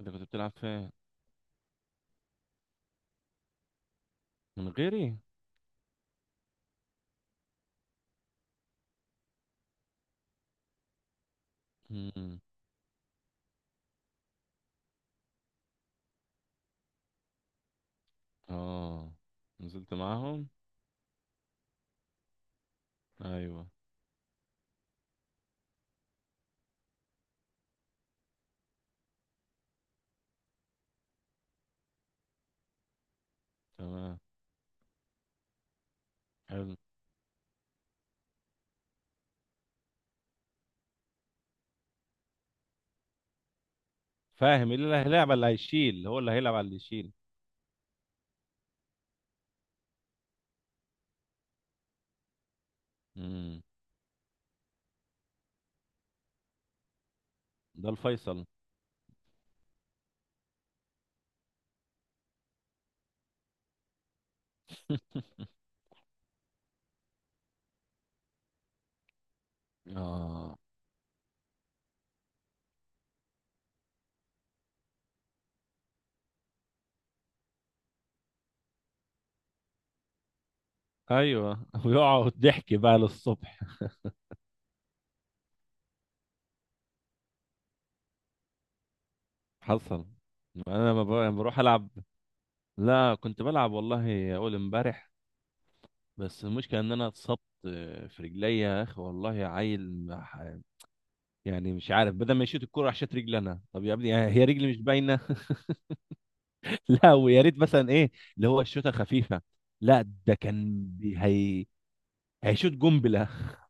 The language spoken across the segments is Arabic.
انت كنت بتلعب فين؟ من غيري؟ مم. اه. نزلت معاهم؟ ايوه. تمام. حلو. فاهم؟ إيه اللي هيلعب على اللي هيشيل، هو اللي هيلعب على اللي يشيل. مم. ده الفيصل. اه. ايوه، ويقعد ضحك بقى للصبح. حصل. ما انا لما بروح العب. لا، كنت بلعب والله اول امبارح. بس المشكله ان انا اتصبت في رجليا يا اخي والله عيل. يعني مش عارف، بدل ما يشوط الكرة راح شاط رجلي انا. طب يا ابني، يعني هي رجلي مش باينه؟ لا، ويا ريت مثلا ايه، اللي هو الشوطه خفيفه. لا، ده كان هي هيشوط قنبله.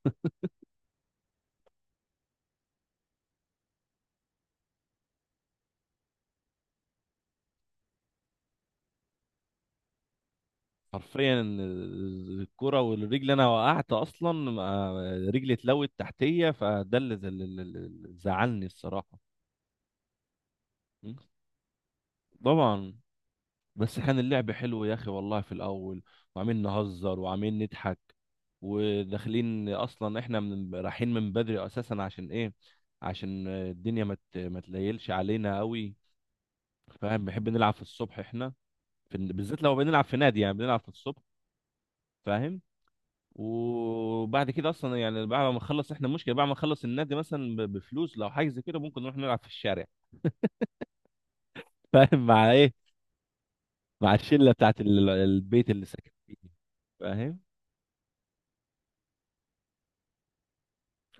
حرفيا، الكرة والرجل. انا وقعت اصلا، رجلي اتلوت تحتيه، فده اللي اللي زعلني الصراحه. م؟ طبعا. بس كان اللعب حلو يا اخي والله في الاول، وعاملين نهزر وعاملين نضحك. وداخلين اصلا احنا من رايحين من بدري اساسا عشان ايه؟ عشان الدنيا ما تليلش علينا قوي. فاهم؟ بنحب نلعب في الصبح احنا. بالذات لو بنلعب في نادي، يعني بنلعب في الصبح. فاهم؟ وبعد كده اصلا، يعني بعد ما نخلص احنا المشكله بعد ما نخلص النادي مثلا بفلوس، لو حاجه زي كده ممكن نروح نلعب في الشارع. فاهم؟ مع ايه؟ مع الشله بتاعت البيت اللي ساكن فيه. فاهم؟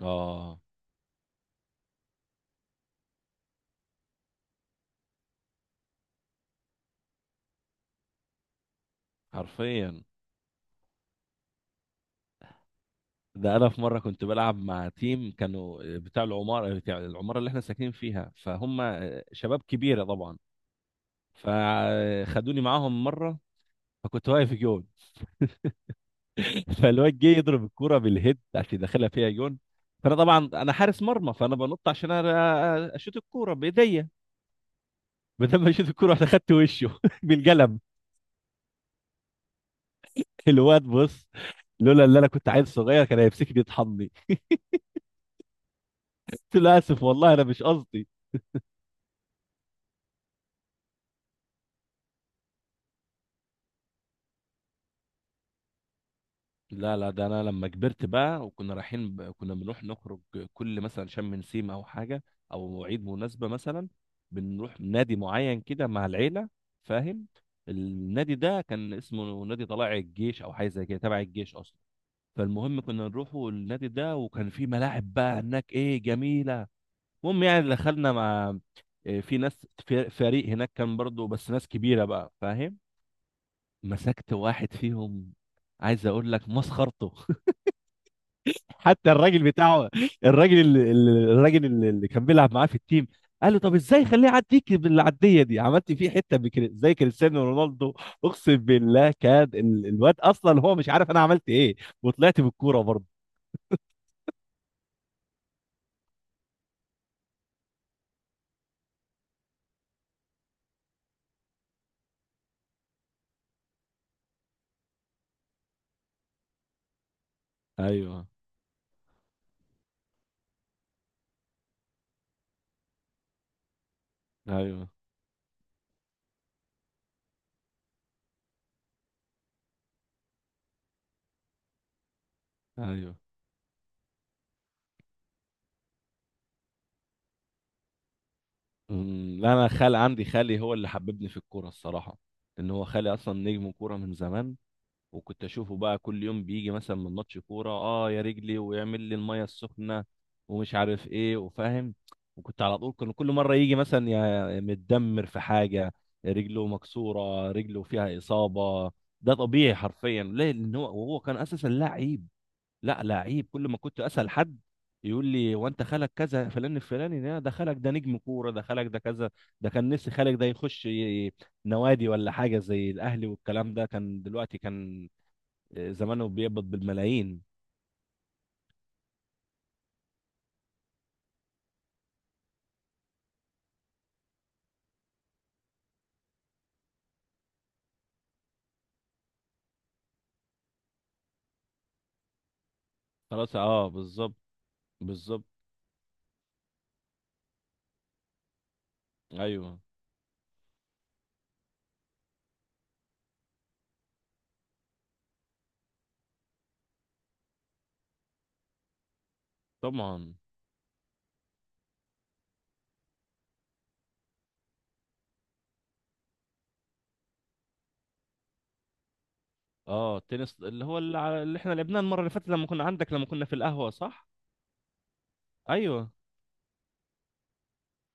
اه، حرفيا. ده انا في مره كنت بلعب مع تيم كانوا بتاع العماره اللي احنا ساكنين فيها، فهم شباب كبيره طبعا. فخدوني معاهم مره. فكنت واقف جون. فالواد جه يضرب الكوره بالهيد عشان يدخلها فيها جون. فانا طبعا انا حارس مرمى، فانا بنط عشان اشوط الكوره بايديا. بدل ما اشوط الكوره رحت اخدت وشه بالقلم. الواد بص، لولا اللي انا كنت عيل صغير كان هيمسكني يطحني. قلت له اسف والله انا مش قصدي. لا لا، ده انا لما كبرت بقى وكنا رايحين كنا بنروح نخرج كل مثلا شم نسيم او حاجه، او عيد مناسبه مثلا، بنروح نادي معين كده مع العيله. فاهم؟ النادي ده كان اسمه نادي طلائع الجيش، او حاجه زي كده، تبع الجيش اصلا. فالمهم كنا نروحوا النادي ده، وكان في ملاعب بقى هناك ايه جميله. المهم يعني دخلنا مع، إيه، في ناس في فريق هناك كان برضو، بس ناس كبيره بقى. فاهم؟ مسكت واحد فيهم، عايز اقول لك مسخرته. حتى الراجل بتاعه، الراجل اللي كان بيلعب معاه في التيم قال له طب ازاي خليه يعديك بالعديه دي؟ عملت فيه حته زي كريستيانو رونالدو. اقسم بالله كان الواد اصلا هو مش عارف انا عملت ايه، وطلعت بالكوره برضه. ايوه، ايوه، ايوه. لا، انا عندي خالي هو اللي حببني في الكوره الصراحه. ان هو خالي اصلا نجم كوره من زمان، وكنت اشوفه بقى كل يوم بيجي مثلا من ماتش كوره: اه يا رجلي، ويعمل لي الميه السخنه، ومش عارف ايه، وفاهم. وكنت على طول، كان كل مره يجي مثلا يا متدمر في حاجه، رجله مكسوره، رجله فيها اصابه. ده طبيعي حرفيا، ليه؟ لان هو كان اساسا لعيب. لا، لعيب. كل ما كنت اسال حد يقول لي هو انت خالك كذا فلان الفلاني، ده خالك، ده نجم كوره، ده خالك، ده كذا. ده كان نفسي خالك ده يخش نوادي ولا حاجه زي الاهلي، والكلام ده كان دلوقتي كان زمانه بيقبض بالملايين. خلاص، اه، بالظبط. بالظبط. ايوه. طبعا. اه، التنس اللي احنا لعبناه المره اللي فاتت، لما كنا في القهوه، صح؟ ايوه،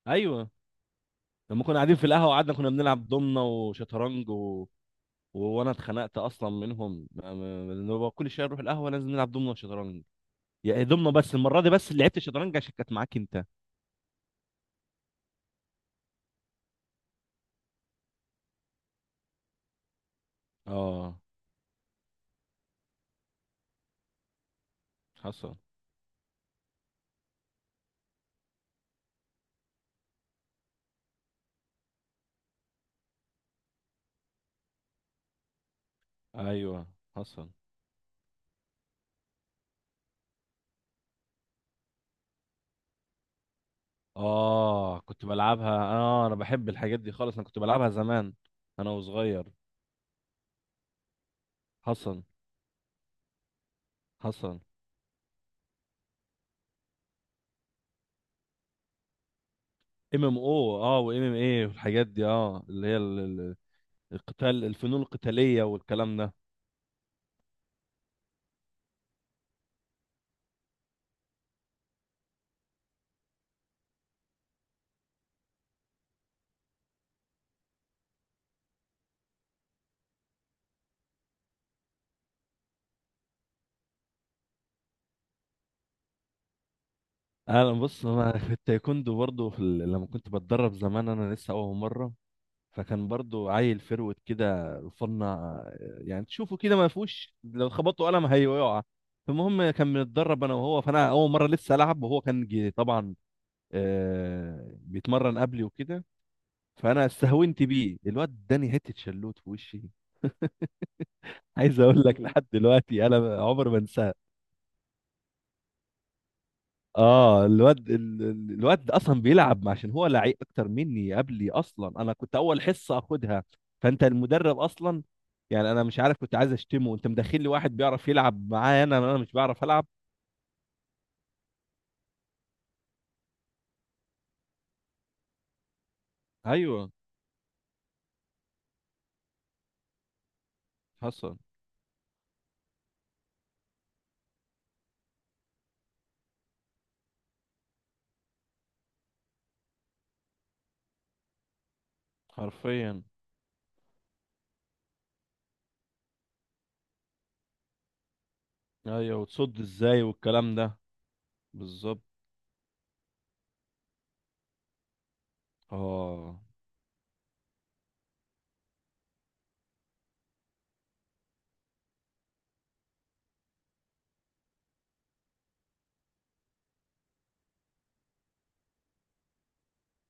ايوه. لما كنا قاعدين في القهوه قعدنا كنا بنلعب دومنه وشطرنج وانا اتخنقت اصلا منهم، إن هو كل شويه نروح القهوه لازم نلعب دومنه وشطرنج. يعني دومنه، بس المره دي بس اللي لعبت شطرنج عشان كانت معاك انت. اه، حصل. ايوه، حصل. اه، كنت بلعبها. اه انا بحب الحاجات دي خالص، انا كنت بلعبها زمان. انا وصغير. حصل. حصل. ام ام او، وام ام اي، والحاجات دي. اه اللي هي القتال، الفنون القتالية والكلام ده. انا بص، في التايكوندو برضو، في لما كنت بتدرب زمان، انا لسه اول مرة. فكان برضو عيل فروت كده فنا، يعني تشوفه كده ما فيهوش، لو خبطوا قلم هيقع. المهم كان بنتدرب انا وهو، فانا اول مره لسه العب وهو كان طبعا بيتمرن قبلي وكده. فانا استهونت بيه، الواد اداني حته شلوت في وشي. عايز اقول لك، لحد دلوقتي انا عمر ما انساها. اه، الواد اصلا بيلعب عشان هو لعيب اكتر مني، قبلي اصلا، انا كنت اول حصه اخدها. فانت المدرب اصلا، يعني انا مش عارف، كنت عايز اشتمه. انت مدخل لي واحد بيعرف يلعب معايا؟ انا مش بعرف العب. ايوه، حصل، حرفيا. ايوه، وتصد ازاي والكلام ده. بالظبط، اه،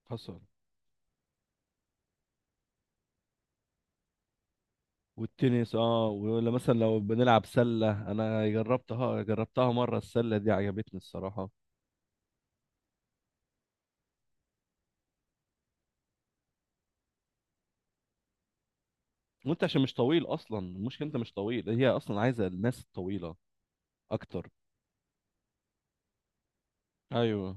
حصل. والتنس، ولا مثلا لو بنلعب سلة، انا جربتها مرة، السلة دي عجبتني الصراحة. وانت عشان مش طويل اصلا، المشكلة انت مش طويل، هي اصلا عايزة الناس الطويلة اكتر. ايوه.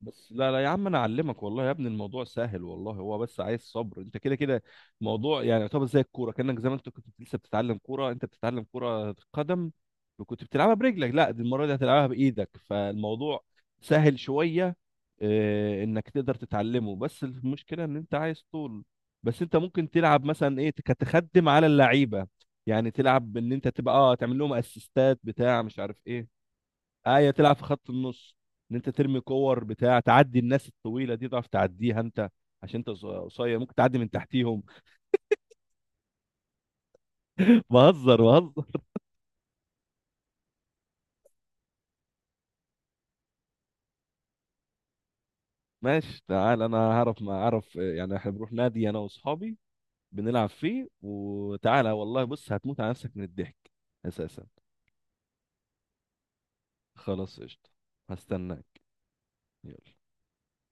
بس لا لا يا عم، انا اعلمك والله يا ابني، الموضوع سهل والله، هو بس عايز صبر، انت كده كده. موضوع يعني يعتبر زي الكوره، كانك زي ما انت كنت لسه بتتعلم كوره، انت بتتعلم كوره قدم وكنت بتلعبها برجلك، لا دي المره دي هتلعبها بايدك، فالموضوع سهل شويه. اه، انك تقدر تتعلمه، بس المشكله ان انت عايز طول. بس انت ممكن تلعب مثلا ايه، كتخدم على اللعيبه، يعني تلعب ان انت تبقى تعمل لهم اسيستات بتاع مش عارف ايه. ايه، تلعب في خط النص. ان انت ترمي كور بتاع، تعدي الناس الطويله دي تعرف تعديها انت، عشان انت قصير ممكن تعدي من تحتيهم. بهزر بهزر. ماشي، تعال، انا هعرف، ما اعرف يعني احنا بنروح نادي انا واصحابي، بنلعب فيه، وتعالى والله بص هتموت على نفسك من الضحك. اساسا. خلاص، قشطه. هستناك. يلا.